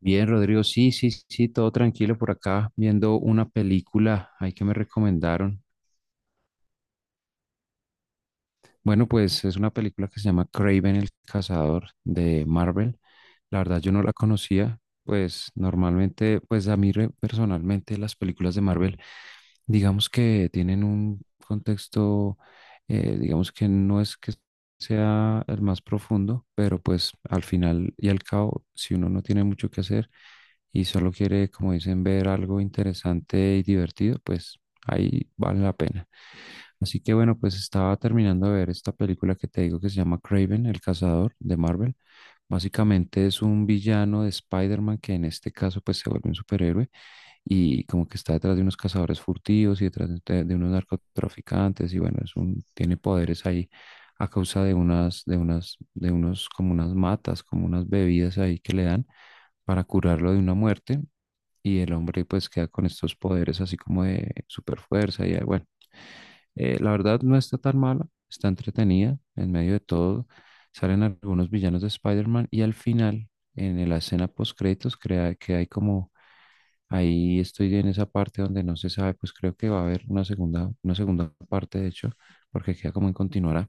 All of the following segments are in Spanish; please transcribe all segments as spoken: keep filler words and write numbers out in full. Bien, Rodrigo, sí, sí, sí, todo tranquilo por acá, viendo una película ahí que me recomendaron. Bueno, pues es una película que se llama Craven el Cazador de Marvel. La verdad, yo no la conocía, pues normalmente, pues a mí re- personalmente las películas de Marvel, digamos que tienen un contexto, eh, digamos que no es que sea el más profundo, pero pues al final y al cabo, si uno no tiene mucho que hacer, y solo quiere, como dicen, ver algo interesante y divertido, pues ahí vale la pena. Así que bueno, pues estaba terminando de ver esta película que te digo que se llama Craven, el cazador de Marvel. Básicamente es un villano de Spider-Man que en este caso pues se vuelve un superhéroe y como que está detrás de unos cazadores furtivos y detrás de, de unos narcotraficantes y bueno, es un, tiene poderes ahí a causa de unas, de unas, de unos como unas matas, como unas bebidas ahí que le dan para curarlo de una muerte y el hombre pues queda con estos poderes así como de super fuerza y eh, bueno, eh, la verdad no está tan mala, está entretenida en medio de todo, salen algunos villanos de Spider-Man y al final en el- la escena post créditos crea que hay como ahí estoy en esa parte donde no se sabe, pues creo que va a haber una segunda una segunda parte de hecho, porque queda como en continuará.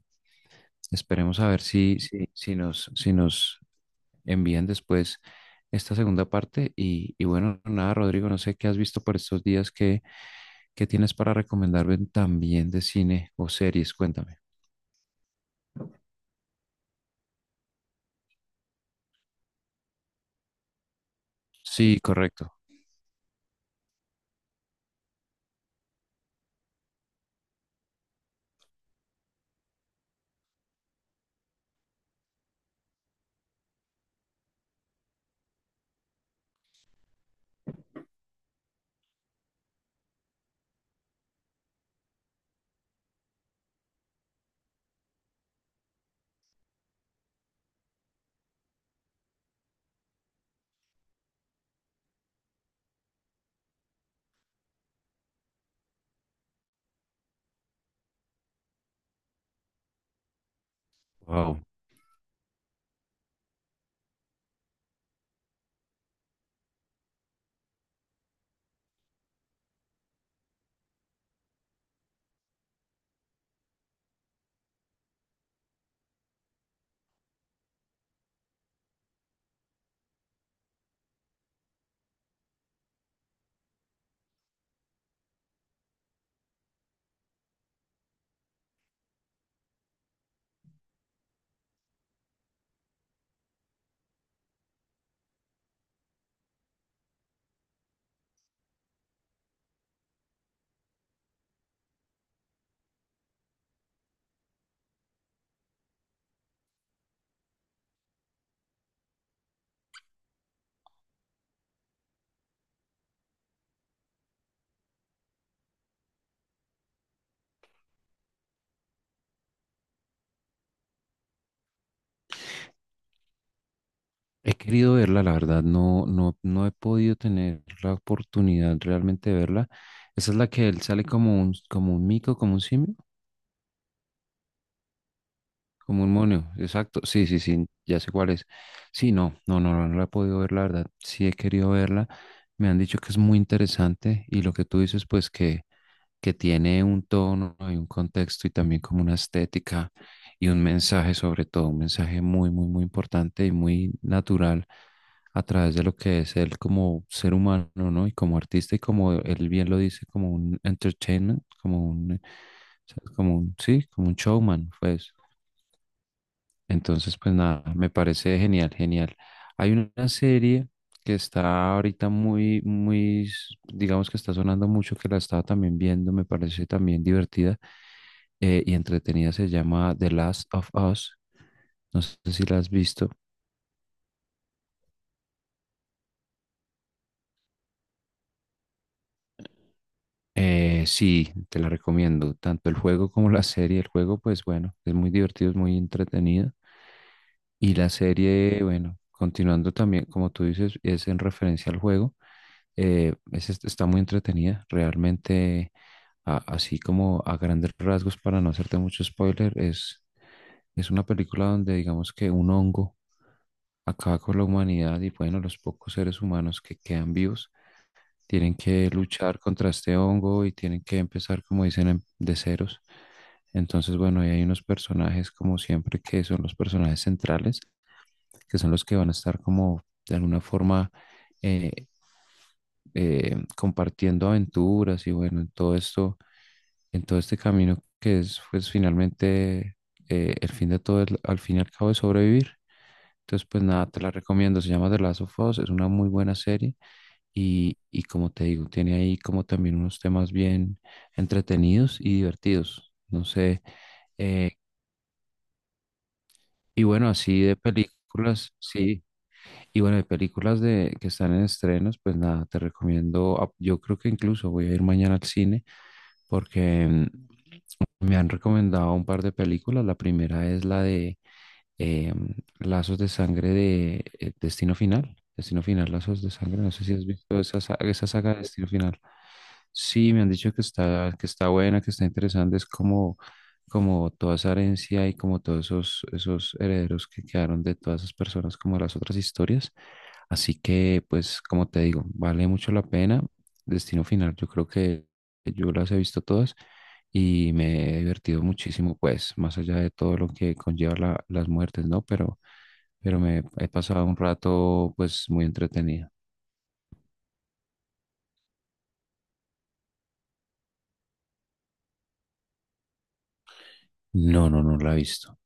Esperemos a ver si, si, si nos, si nos envían después esta segunda parte. Y, y bueno, nada, Rodrigo, no sé qué has visto por estos días, qué, qué tienes para recomendarme también de cine o series, cuéntame. Sí, correcto. Wow. He querido verla, la verdad, no, no, no he podido tener la oportunidad realmente de verla. Esa es la que él sale como un, como un mico, como un simio. Como un mono, exacto. Sí, sí, sí, ya sé cuál es. Sí, no, no, no, no, no la he podido ver, la verdad. Sí he querido verla. Me han dicho que es muy interesante y lo que tú dices, pues que, que tiene un tono y un contexto y también como una estética y un mensaje sobre todo, un mensaje muy, muy, muy importante y muy natural a través de lo que es él como ser humano, ¿no? Y como artista y como él bien lo dice, como un entertainment, como un, eh, o sea, como un, sí, como un showman, pues, entonces, pues nada, me parece genial, genial. Hay una serie que está ahorita muy, muy, s- digamos que está sonando mucho, que la estaba también viendo, me parece también divertida eh, y entretenida, se llama The Last of Us. No sé si la has visto. Eh, sí, te la recomiendo, tanto el juego como la serie. El juego, pues bueno, es muy divertido, es muy entretenido. Y la serie, bueno, continuando también, como tú dices, es en referencia al juego. Eh, es- está muy entretenida. Realmente, a- así como a grandes rasgos, para no hacerte mucho spoiler, es, es una película donde digamos que un hongo acaba con la humanidad y bueno, los pocos seres humanos que quedan vivos tienen que luchar contra este hongo y tienen que empezar, como dicen, em- de ceros. Entonces, bueno, ahí hay unos personajes como siempre que son los personajes centrales, que son los que van a estar como de alguna forma eh, eh, compartiendo aventuras y bueno, en todo esto, en todo este camino que es pues finalmente eh, el fin de todo, el- al fin y al cabo es sobrevivir. Entonces pues nada, te la recomiendo, se llama The Last of Us, es una muy buena serie y, y como te digo, tiene ahí como también unos temas bien entretenidos y divertidos, no sé, eh, y bueno, así de películas, sí. Y bueno, de películas de, que están en estrenos, pues nada, te recomiendo, ah, yo creo que incluso voy a ir mañana al cine porque mm, me han recomendado un par de películas. La primera es la de eh, Lazos de Sangre de eh, Destino Final. Destino Final, Lazos de Sangre. No sé si has visto esa, sa- esa saga de Destino Final. Sí, me han dicho que está, que está buena, que está interesante. Es como, como toda esa herencia y como todos esos, esos herederos que quedaron de todas esas personas, como las otras historias. Así que, pues, como te digo, vale mucho la pena. Destino Final, yo creo que yo las he visto todas y me he divertido muchísimo, pues, más allá de todo lo que conlleva la- las muertes, ¿no? Pero, pero me he pasado un rato, pues, muy entretenido. No, no, no la he visto.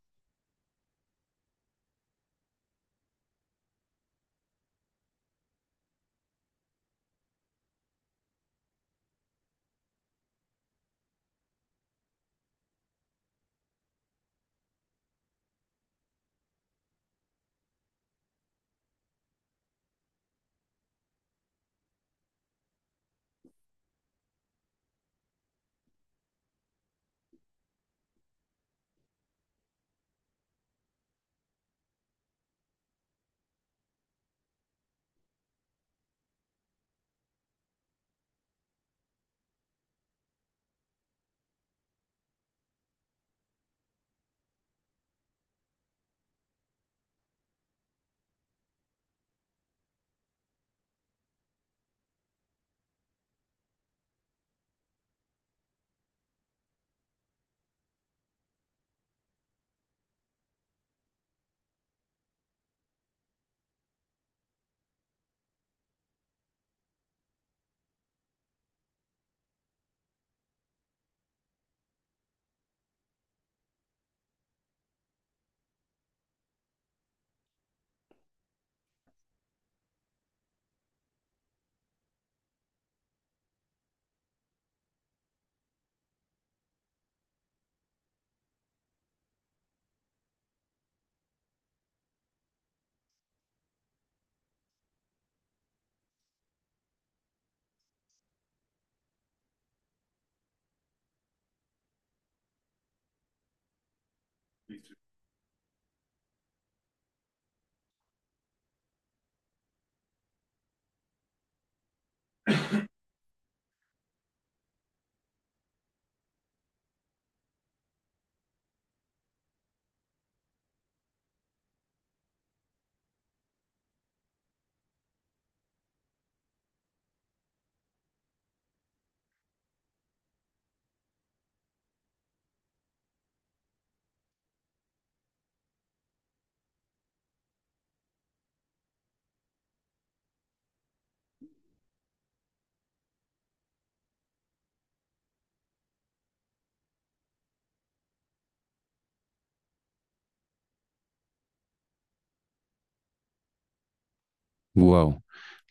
Wow,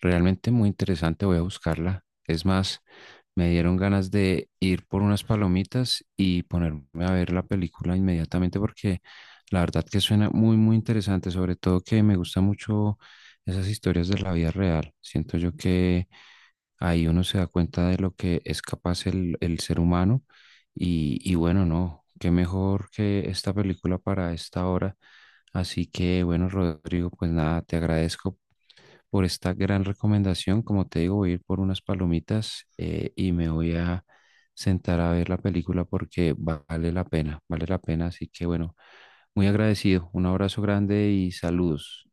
realmente muy interesante, voy a buscarla. Es más, me dieron ganas de ir por unas palomitas y ponerme a ver la película inmediatamente porque la verdad que suena muy, muy interesante, sobre todo que me gusta mucho esas historias de la vida real. Siento yo que ahí uno se da cuenta de lo que es capaz el, el ser humano y, y bueno, no, qué mejor que esta película para esta hora. Así que bueno, Rodrigo, pues nada, te agradezco por esta gran recomendación. Como te digo, voy a ir por unas palomitas eh, y me voy a sentar a ver la película porque vale la pena, vale la pena. Así que bueno, muy agradecido. Un abrazo grande y saludos.